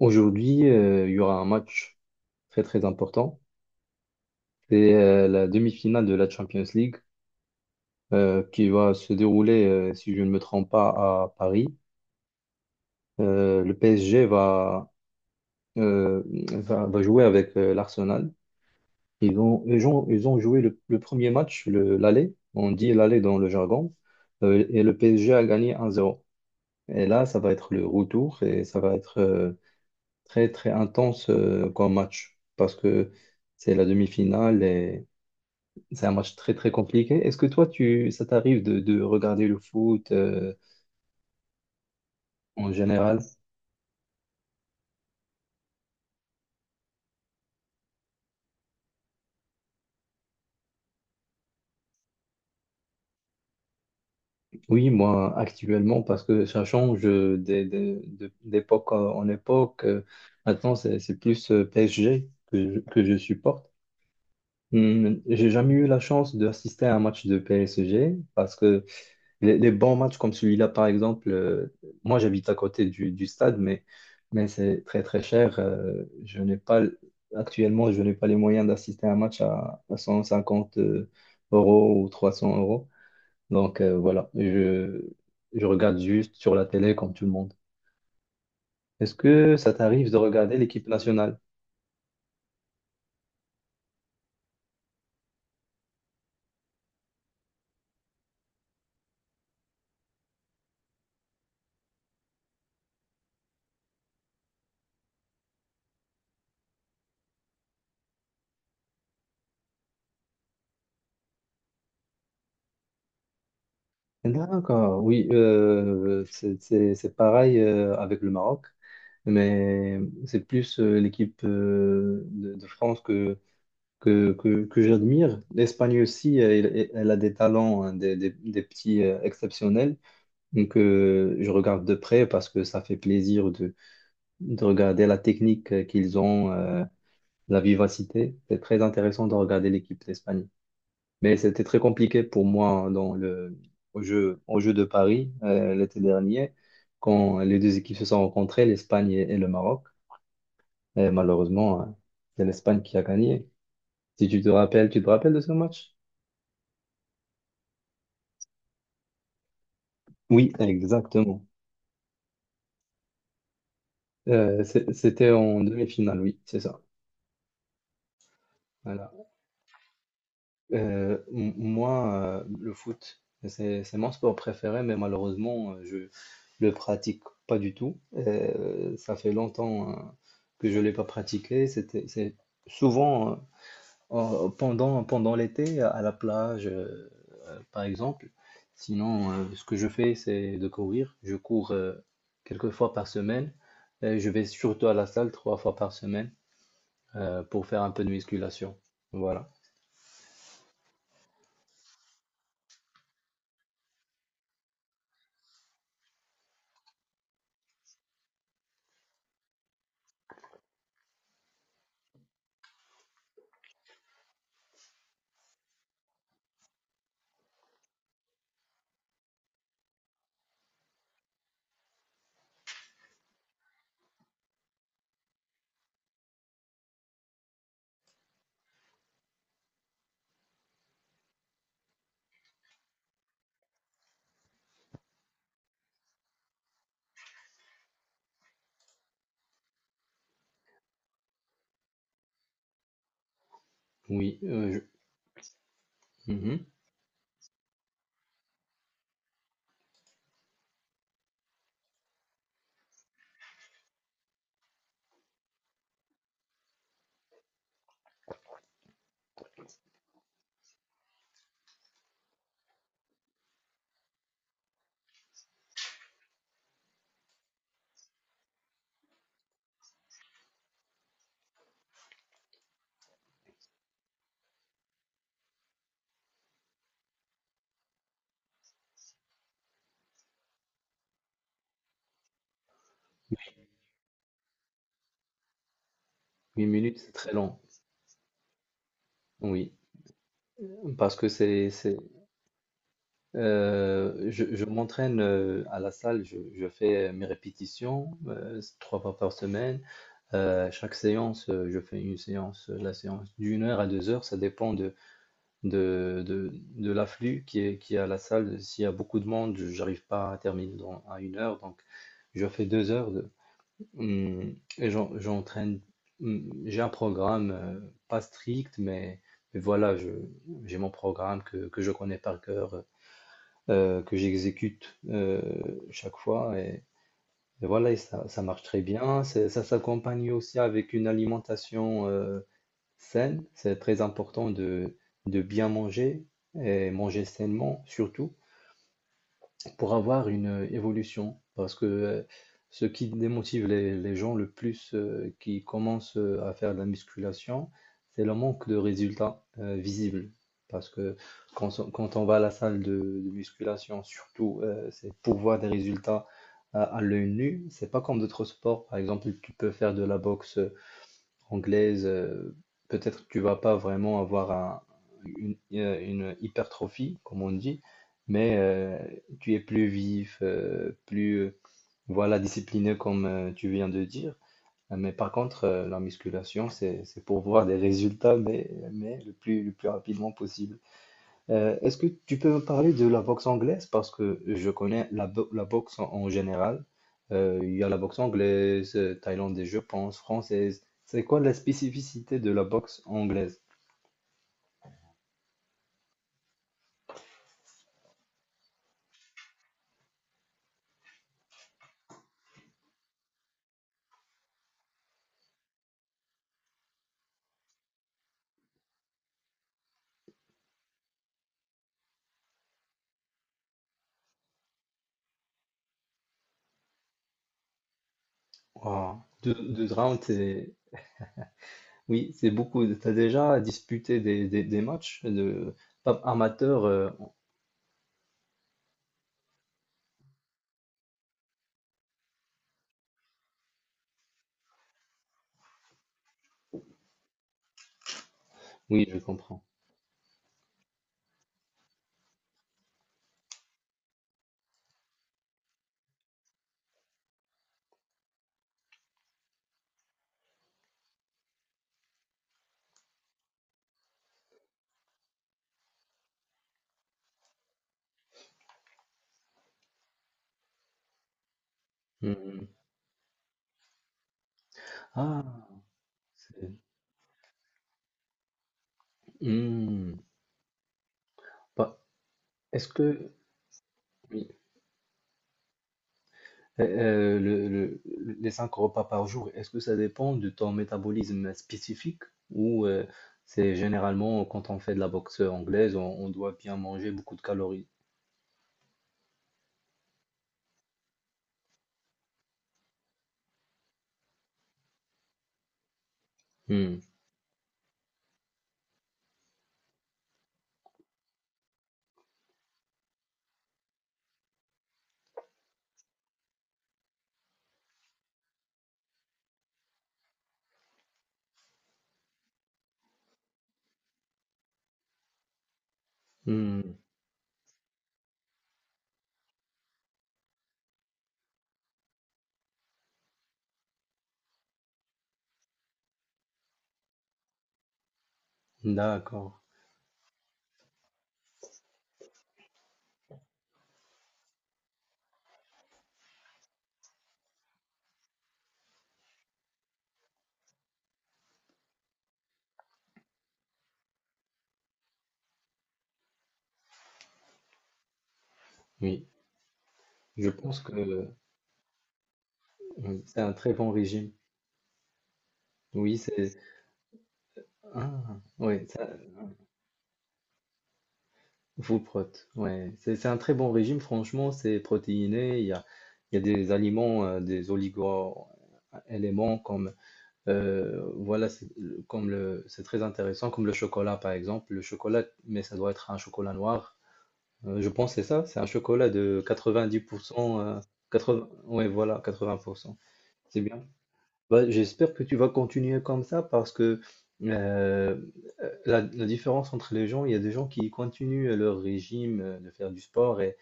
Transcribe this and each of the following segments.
Aujourd'hui, il y aura un match très très important. C'est la demi-finale de la Champions League qui va se dérouler, si je ne me trompe pas, à Paris. Le PSG euh, va jouer avec l'Arsenal. Ils ont joué le premier match, l'aller. On dit l'aller dans le jargon. Et le PSG a gagné 1-0. Et là, ça va être le retour et ça va être très très intense comme match parce que c'est la demi-finale. C'est un match très très compliqué. Est-ce que toi, ça t'arrive de regarder le foot en général? Oui, moi actuellement, parce que ça change d'époque en époque. Maintenant, c'est plus PSG que que je supporte. J'ai jamais eu la chance d'assister à un match de PSG parce que les bons matchs comme celui-là, par exemple, moi j'habite à côté du stade, mais c'est très très cher. Je n'ai pas, actuellement, je n'ai pas les moyens d'assister à un match à 150 € ou 300 euros. Donc voilà, je regarde juste sur la télé comme tout le monde. Est-ce que ça t'arrive de regarder l'équipe nationale? D'accord, oui, c'est pareil avec le Maroc mais c'est plus l'équipe de France que j'admire. L'Espagne aussi, elle a des talents, hein, des petits exceptionnels. Donc, je regarde de près parce que ça fait plaisir de regarder la technique qu'ils ont, la vivacité. C'est très intéressant de regarder l'équipe d'Espagne. Mais c'était très compliqué pour moi hein, au jeu de Paris l'été dernier, quand les deux équipes se sont rencontrées, l'Espagne et le Maroc. Et malheureusement, hein, c'est l'Espagne qui a gagné. Si tu te rappelles de ce match? Oui, exactement. C'était en demi-finale, oui, c'est ça. Voilà. Moi, le foot, c'est mon sport préféré, mais malheureusement, je le pratique pas du tout. Ça fait longtemps que je l'ai pas pratiqué. C'était, c'est souvent pendant l'été, à la plage, par exemple. Sinon, ce que je fais, c'est de courir. Je cours quelques fois par semaine. Et je vais surtout à la salle trois fois par semaine. Pour faire un peu de musculation. Voilà. Oui, mhm. 8 minutes, c'est très long. Oui, parce que je m'entraîne à la salle, je fais mes répétitions trois fois par semaine. Chaque séance, je fais une séance, la séance d'une heure à deux heures, ça dépend de l'afflux qui est à la salle. S'il y a beaucoup de monde, je n'arrive pas à terminer à une heure, donc je fais deux heures. Et j'ai un programme pas strict, mais voilà, j'ai mon programme que je connais par cœur, que j'exécute chaque fois, et voilà, et ça marche très bien. Ça s'accompagne aussi avec une alimentation saine. C'est très important de bien manger et manger sainement, surtout pour avoir une évolution. Parce que ce qui démotive les gens le plus qui commencent à faire de la musculation, c'est le manque de résultats visibles. Parce que quand on va à la salle de musculation, surtout, c'est pour voir des résultats à l'œil nu. C'est pas comme d'autres sports. Par exemple, tu peux faire de la boxe anglaise, peut-être que tu vas pas vraiment avoir une hypertrophie, comme on dit, mais tu es plus vif, plus voilà, discipliné comme tu viens de dire. Mais par contre, la musculation, c'est pour voir des résultats, mais le plus rapidement possible. Est-ce que tu peux me parler de la boxe anglaise? Parce que je connais la boxe en général. Il y a la boxe anglaise, thaïlandaise, je pense, française. C'est quoi la spécificité de la boxe anglaise? Wow. Deux, deux rounds, c'est. Oui, c'est beaucoup. T'as déjà disputé des matchs de pas amateurs? Oui, je comprends. Hmm. Ah, c'est. Hmm. Pas- Est-ce que, oui. Euh, euh, le- le- les cinq repas par jour, est-ce que ça dépend de ton métabolisme spécifique ou c'est généralement quand on fait de la boxe anglaise, on doit bien manger beaucoup de calories? Hmm. Hmm. D'accord, oui. Je pense que oui, c'est un très bon régime. Oui, c'est ah, ouais, ça, full prot. Ouais, c'est un très bon régime. Franchement, c'est protéiné. Il y a des aliments, des oligo-éléments comme voilà, c'est comme le, c'est très intéressant, comme le chocolat par exemple. Le chocolat, mais ça doit être un chocolat noir. Je pense que c'est ça, c'est un chocolat de 90%, 80, ouais, voilà, 80%. C'est bien. Bah, j'espère que tu vas continuer comme ça parce que euh, la différence entre les gens, il y a des gens qui continuent leur régime de faire du sport et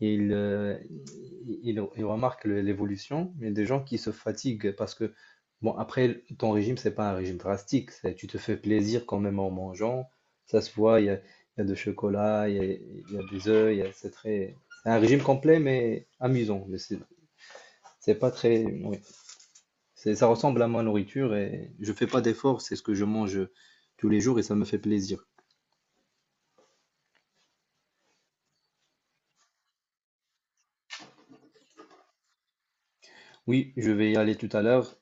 il, euh, il remarque l'évolution, mais des gens qui se fatiguent parce que, bon, après, ton régime, c'est pas un régime drastique, tu te fais plaisir quand même en mangeant, ça se voit, il y a du chocolat, il y a des œufs, c'est très. C'est un régime complet, mais amusant, mais c'est pas très. Oui. Ça ressemble à ma nourriture et je fais pas d'efforts, c'est ce que je mange tous les jours et ça me fait plaisir. Oui, je vais y aller tout à l'heure.